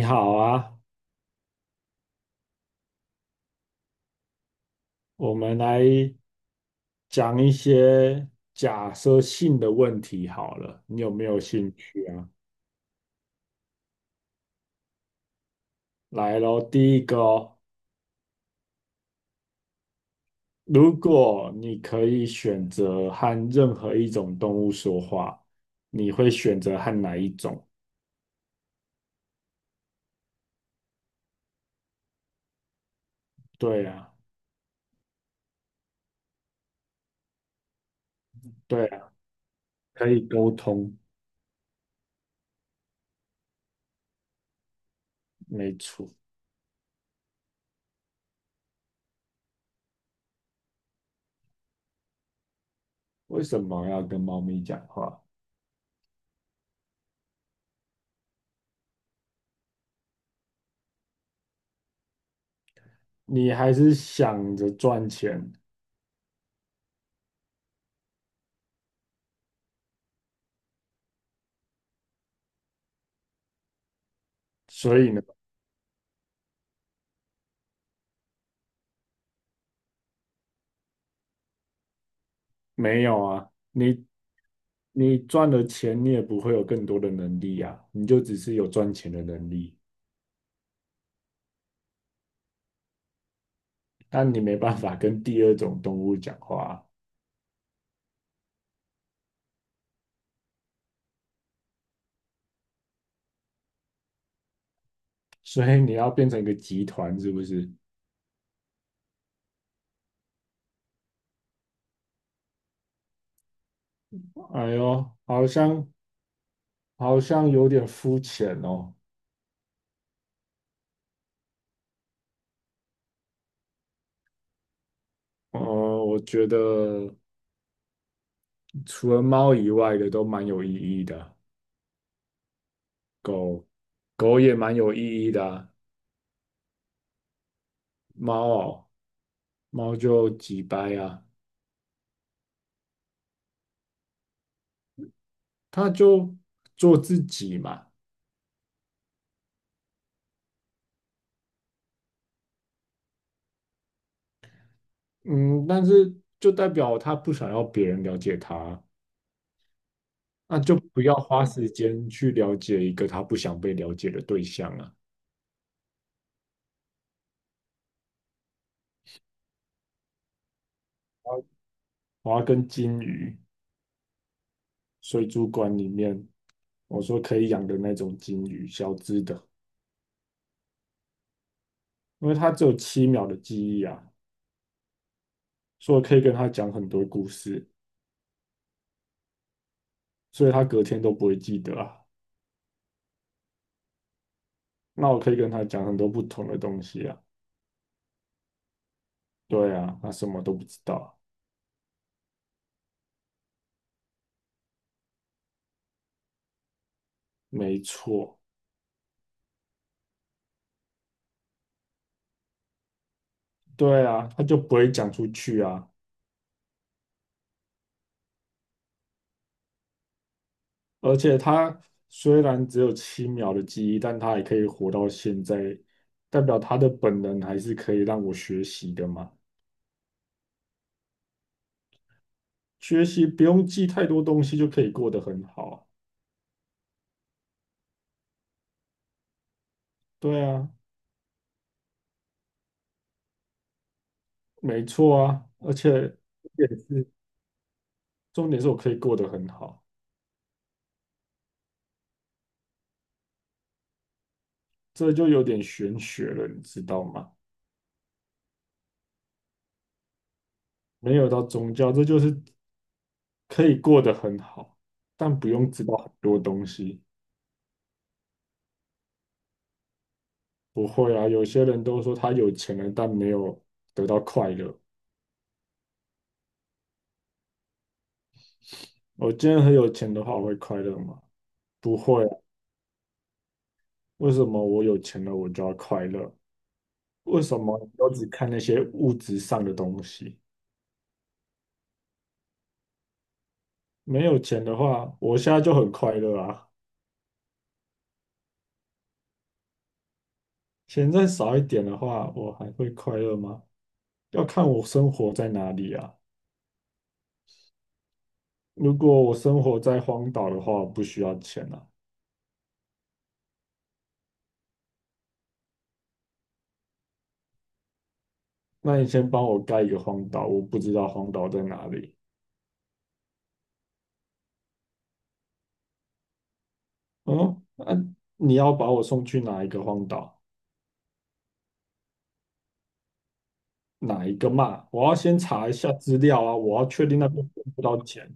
你好啊，我们来讲一些假设性的问题好了，你有没有兴趣啊？来咯，第一个哦，如果你可以选择和任何一种动物说话，你会选择和哪一种？对啊，对啊，可以沟通，没错。为什么要跟猫咪讲话？你还是想着赚钱，所以呢？没有啊，你赚了钱，你也不会有更多的能力啊，你就只是有赚钱的能力，但你没办法跟第二种动物讲话啊。所以你要变成一个集团，是不是？哎呦，好像有点肤浅哦。哦，我觉得除了猫以外的都蛮有意义的，狗也蛮有意义的啊。猫哦，猫就几掰啊，它就做自己嘛。嗯，但是就代表他不想要别人了解他，那就不要花时间去了解一个他不想被了解的对象啊。我要跟金鱼，水族馆里面，我说可以养的那种金鱼，小只的，因为它只有七秒的记忆啊，所以我可以跟它讲很多故事，所以它隔天都不会记得啊。那我可以跟它讲很多不同的东西啊。对啊，它什么都不知道，没错，对啊，它就不会讲出去啊。而且他虽然只有七秒的记忆，但他也可以活到现在，代表他的本能还是可以让我学习的嘛。学习不用记太多东西就可以过得很好啊。对啊，没错啊，而且重点是重点是我可以过得很好，这就有点玄学了，你知道吗？没有到宗教，这就是可以过得很好，但不用知道很多东西。不会啊，有些人都说他有钱了，但没有得到快乐。我今天很有钱的话，我会快乐吗？不会啊。为什么我有钱了，我就要快乐？为什么你都只看那些物质上的东西？没有钱的话，我现在就很快乐啊。钱再少一点的话，我还会快乐吗？要看我生活在哪里啊。如果我生活在荒岛的话，我不需要钱啊。那你先帮我盖一个荒岛，我不知道荒岛在哪里。嗯，那、你要把我送去哪一个荒岛？哪一个嘛？我要先查一下资料啊，我要确定那边付不到钱，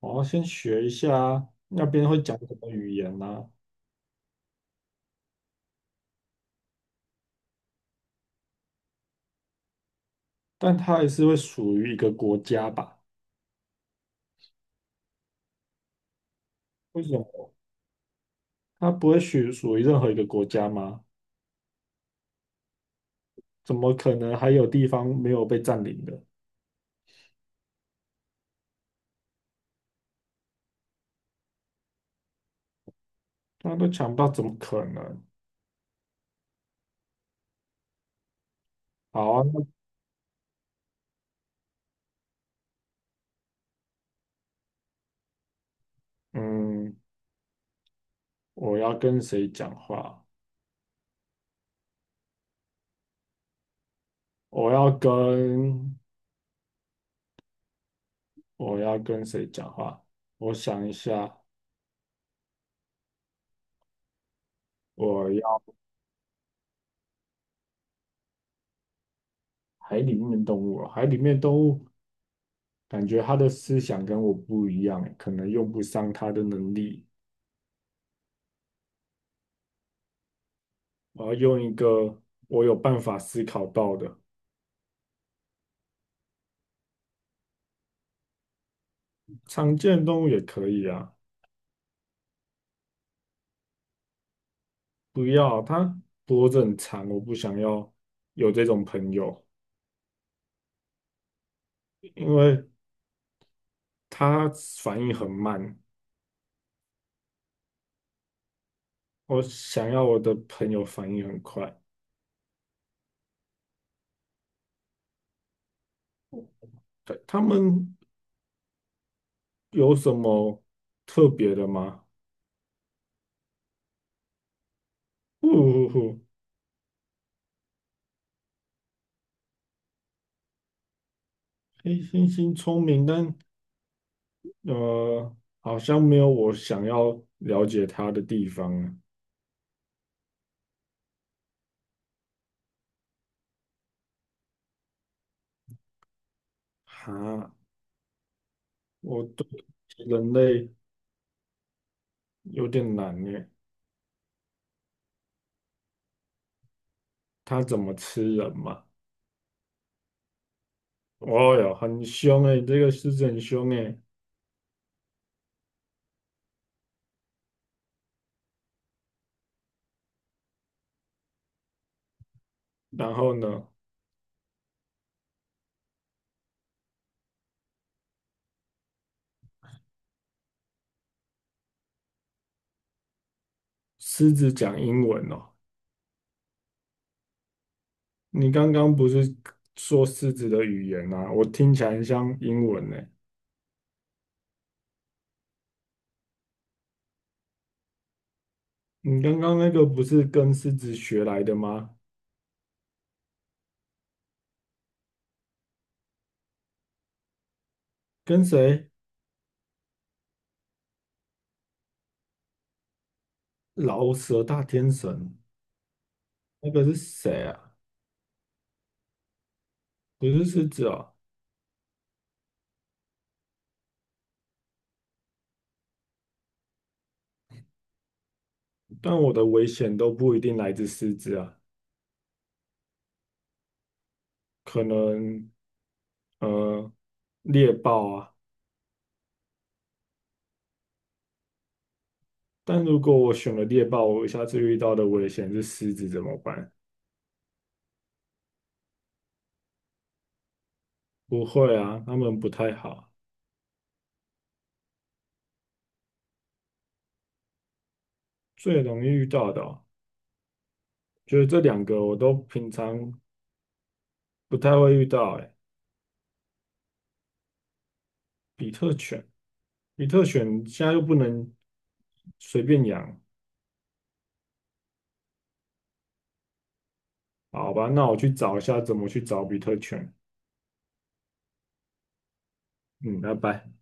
我要先学一下那边会讲什么语言啊。但它还是会属于一个国家吧？为什么？它不会属于任何一个国家吗？怎么可能还有地方没有被占领的？大家都抢不到，怎么可能？好啊，那嗯，我要跟谁讲话？我要跟我要跟谁讲话？我想一下，我。要。海里面的动物啊，海里面的动物感觉它的思想跟我不一样欸，可能用不上它的能力。我要用一个我有办法思考到的，常见的动物也可以啊。不要啊，它脖子很长，我不想要有这种朋友，因为它反应很慢。我想要我的朋友反应很快。对，他们有什么特别的吗？不不不，黑猩猩聪明，但呃，好像没有我想要了解它的地方啊。哈，我对人类有点难耶，它怎么吃人嘛？哦哟，很凶诶，这个狮子很凶诶。然后呢，狮子讲英文哦。你刚刚不是说狮子的语言啊？我听起来很像英文呢。你刚刚那个不是跟狮子学来的吗？跟谁？老舍大天神，那个是谁啊？不是狮子哦。但我的危险都不一定来自狮子啊，可能呃猎豹啊。但如果我选了猎豹，我下次遇到的危险是狮子怎么办？不会啊，他们不太好，最容易遇到的哦就是这两个我都平常不太会遇到。哎，比特犬，比特犬现在又不能随便养，好吧？那我去找一下怎么去找比特犬。嗯，拜拜。